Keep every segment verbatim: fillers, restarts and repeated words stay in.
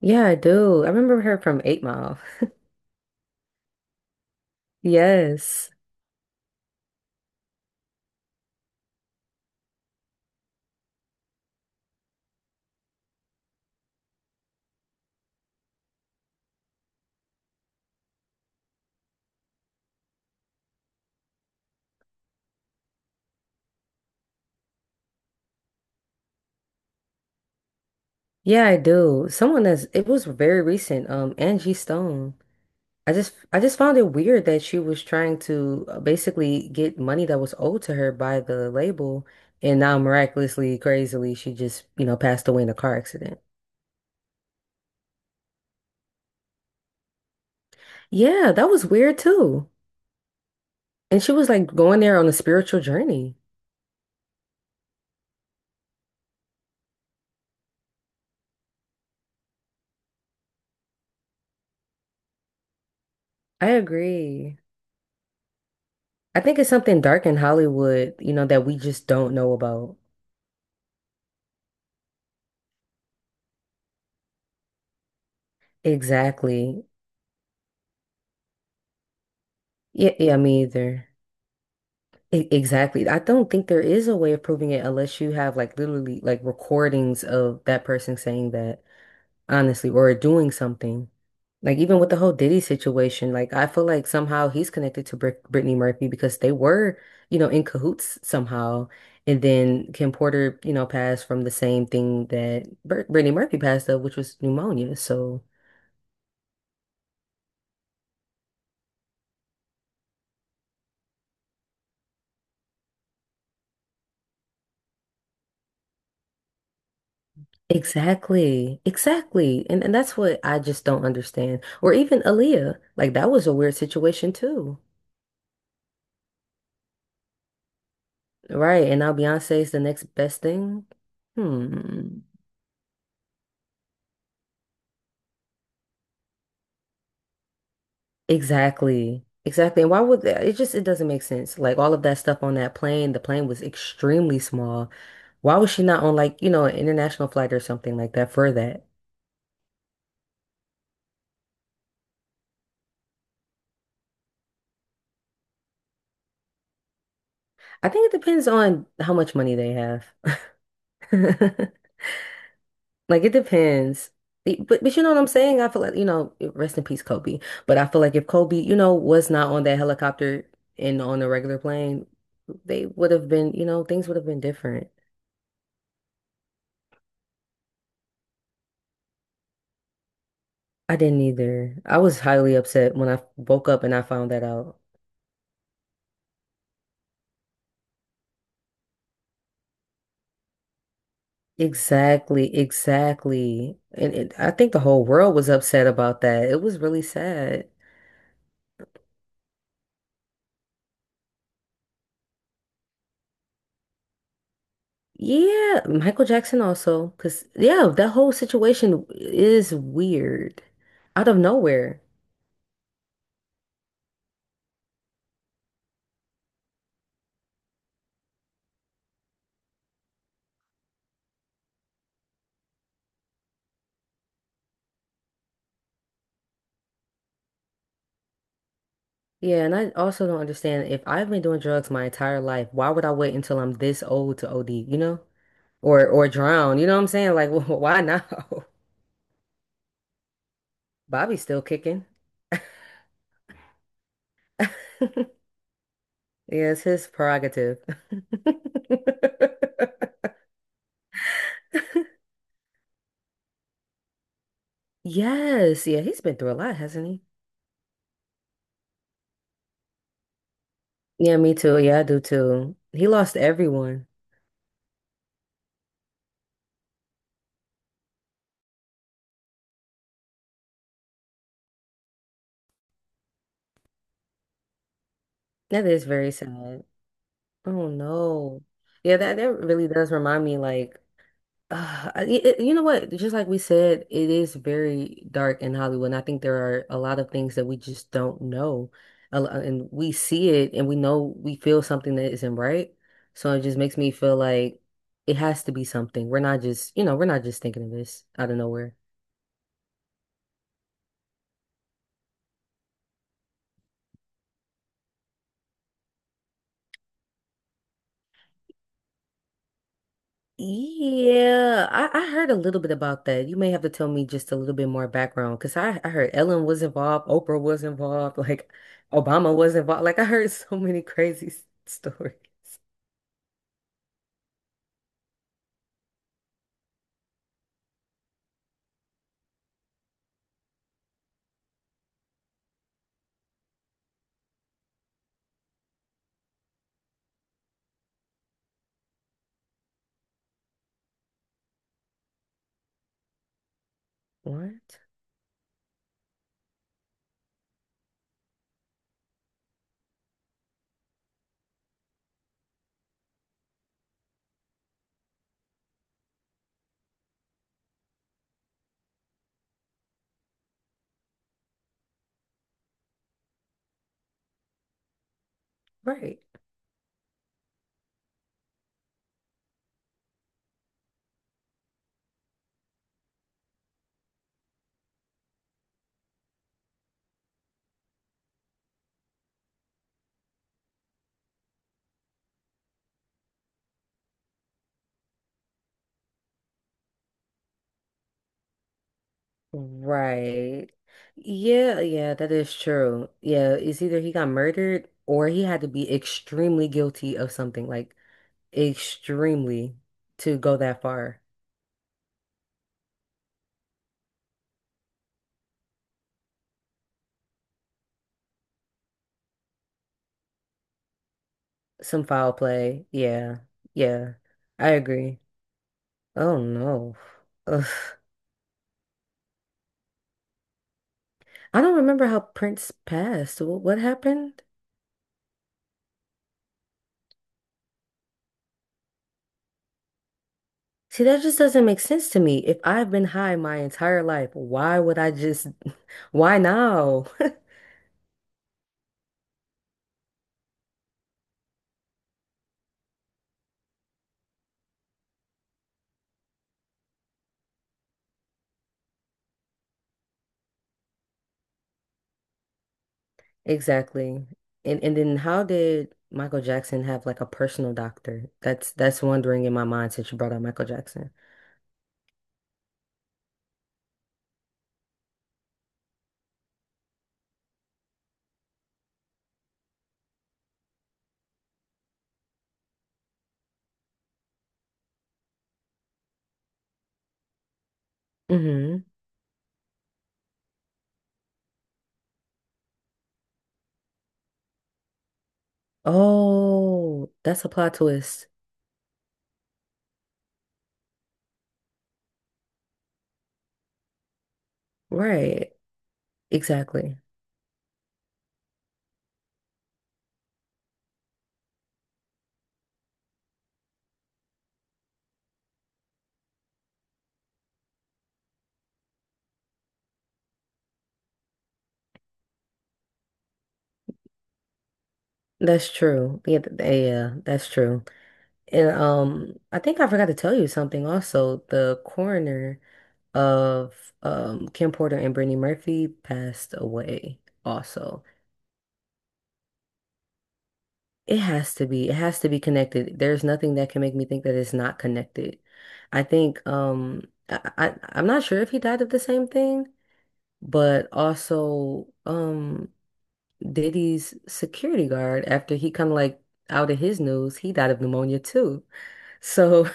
Yeah, I do. I remember her from Eight Mile. Yes. Yeah, I do. Someone that's It was very recent, um, Angie Stone. I just I just found it weird that she was trying to uh, basically get money that was owed to her by the label, and now miraculously, crazily, she just, you know, passed away in a car accident. Yeah, that was weird too. And she was like going there on a spiritual journey. I agree. I think it's something dark in Hollywood, you know, that we just don't know about. Exactly. Yeah, yeah, me either. E- exactly. I don't think there is a way of proving it unless you have like literally like recordings of that person saying that, honestly, or doing something. Like even with the whole Diddy situation, like I feel like somehow he's connected to Brit Brittany Murphy because they were, you know, in cahoots somehow. And then Kim Porter, you know, passed from the same thing that Br Brittany Murphy passed of, which was pneumonia. So. Exactly. Exactly. And and that's what I just don't understand. Or even Aaliyah. Like that was a weird situation too. Right. And now Beyonce is the next best thing. Hmm. Exactly. Exactly. And why would that? It just it doesn't make sense. Like all of that stuff on that plane, the plane was extremely small. Why was she not on like, you know, an international flight or something like that for that? I think it depends on how much money they have. Like it depends. It- But but you know what I'm saying? I feel like, you know, rest in peace, Kobe. But I feel like if Kobe, you know, was not on that helicopter and on a regular plane, they would have been, you know, things would have been different. I didn't either. I was highly upset when I woke up and I found that out. Exactly, exactly. And it, I think the whole world was upset about that. It was really sad. Yeah, Michael Jackson also, because yeah, that whole situation is weird. Out of nowhere. Yeah, and I also don't understand if I've been doing drugs my entire life, why would I wait until I'm this old to O D, you know? Or or drown, you know what I'm saying? Like, wh- why now? Bobby's still kicking. Yeah, it's his prerogative. Yes, yeah, he's been through a lot, hasn't he? Yeah, me too. Yeah, I do too. He lost everyone. That is very sad. Oh no. Yeah, that that really does remind me like Uh, you, you know what? Just like we said, it is very dark in Hollywood. And I think there are a lot of things that we just don't know. A lo- And we see it and we know we feel something that isn't right. So it just makes me feel like it has to be something. We're not just, you know, we're not just thinking of this out of nowhere. Yeah, I, I heard a little bit about that. You may have to tell me just a little bit more background because I, I heard Ellen was involved, Oprah was involved, like Obama was involved. Like I heard so many crazy s- stories. What? Right. Right. Yeah, yeah, that is true. Yeah, it's either he got murdered or he had to be extremely guilty of something, like extremely to go that far. Some foul play. Yeah. Yeah. I agree. Oh no. Ugh. I don't remember how Prince passed. What, what happened? See, that just doesn't make sense to me. If I've been high my entire life, why would I just, why now? Exactly. And and then how did Michael Jackson have like a personal doctor? That's that's wondering in my mind since you brought up Michael Jackson. Hmm. Oh, that's a plot twist. Right. Exactly. That's true. Yeah, th- yeah, that's true. And um I think I forgot to tell you something also. The coroner of um Kim Porter and Brittany Murphy passed away also. It has to be. It has to be connected. There's nothing that can make me think that it's not connected. I think um I, I I'm not sure if he died of the same thing, but also um Diddy's security guard after he kind of like out of his news, he died of pneumonia too. So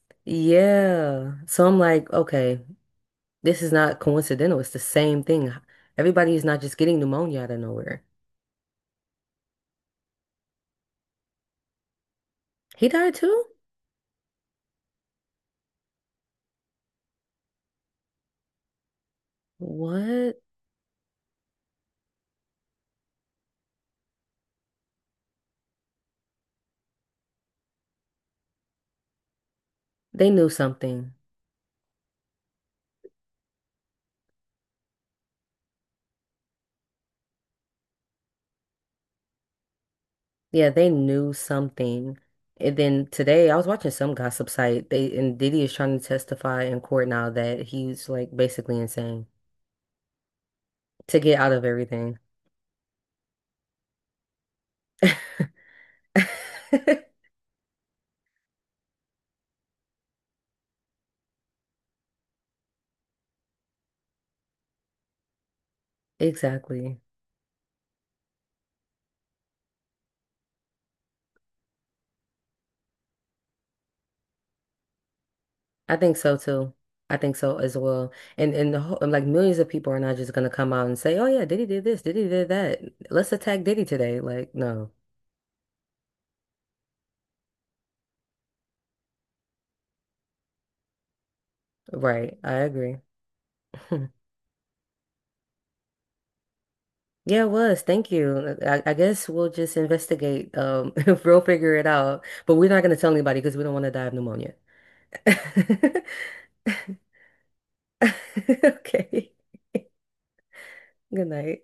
yeah. So I'm like, okay, this is not coincidental. It's the same thing. Everybody is not just getting pneumonia out of nowhere. He died too? What? They knew something. Yeah, they knew something. And then today I was watching some gossip site. They and Diddy is trying to testify in court now that he's like basically insane to get out of everything. Exactly. I think so too. I think so as well. And and the whole, and, like millions of people are not just gonna come out and say, "Oh yeah, Diddy did this, Diddy did that. Let's attack Diddy today." Like, no. Right. I agree. Yeah, it was. Thank you. I, I guess we'll just investigate. Um, if we'll figure it out. But we're not going to tell anybody because we don't want to die of pneumonia. Okay. Good night.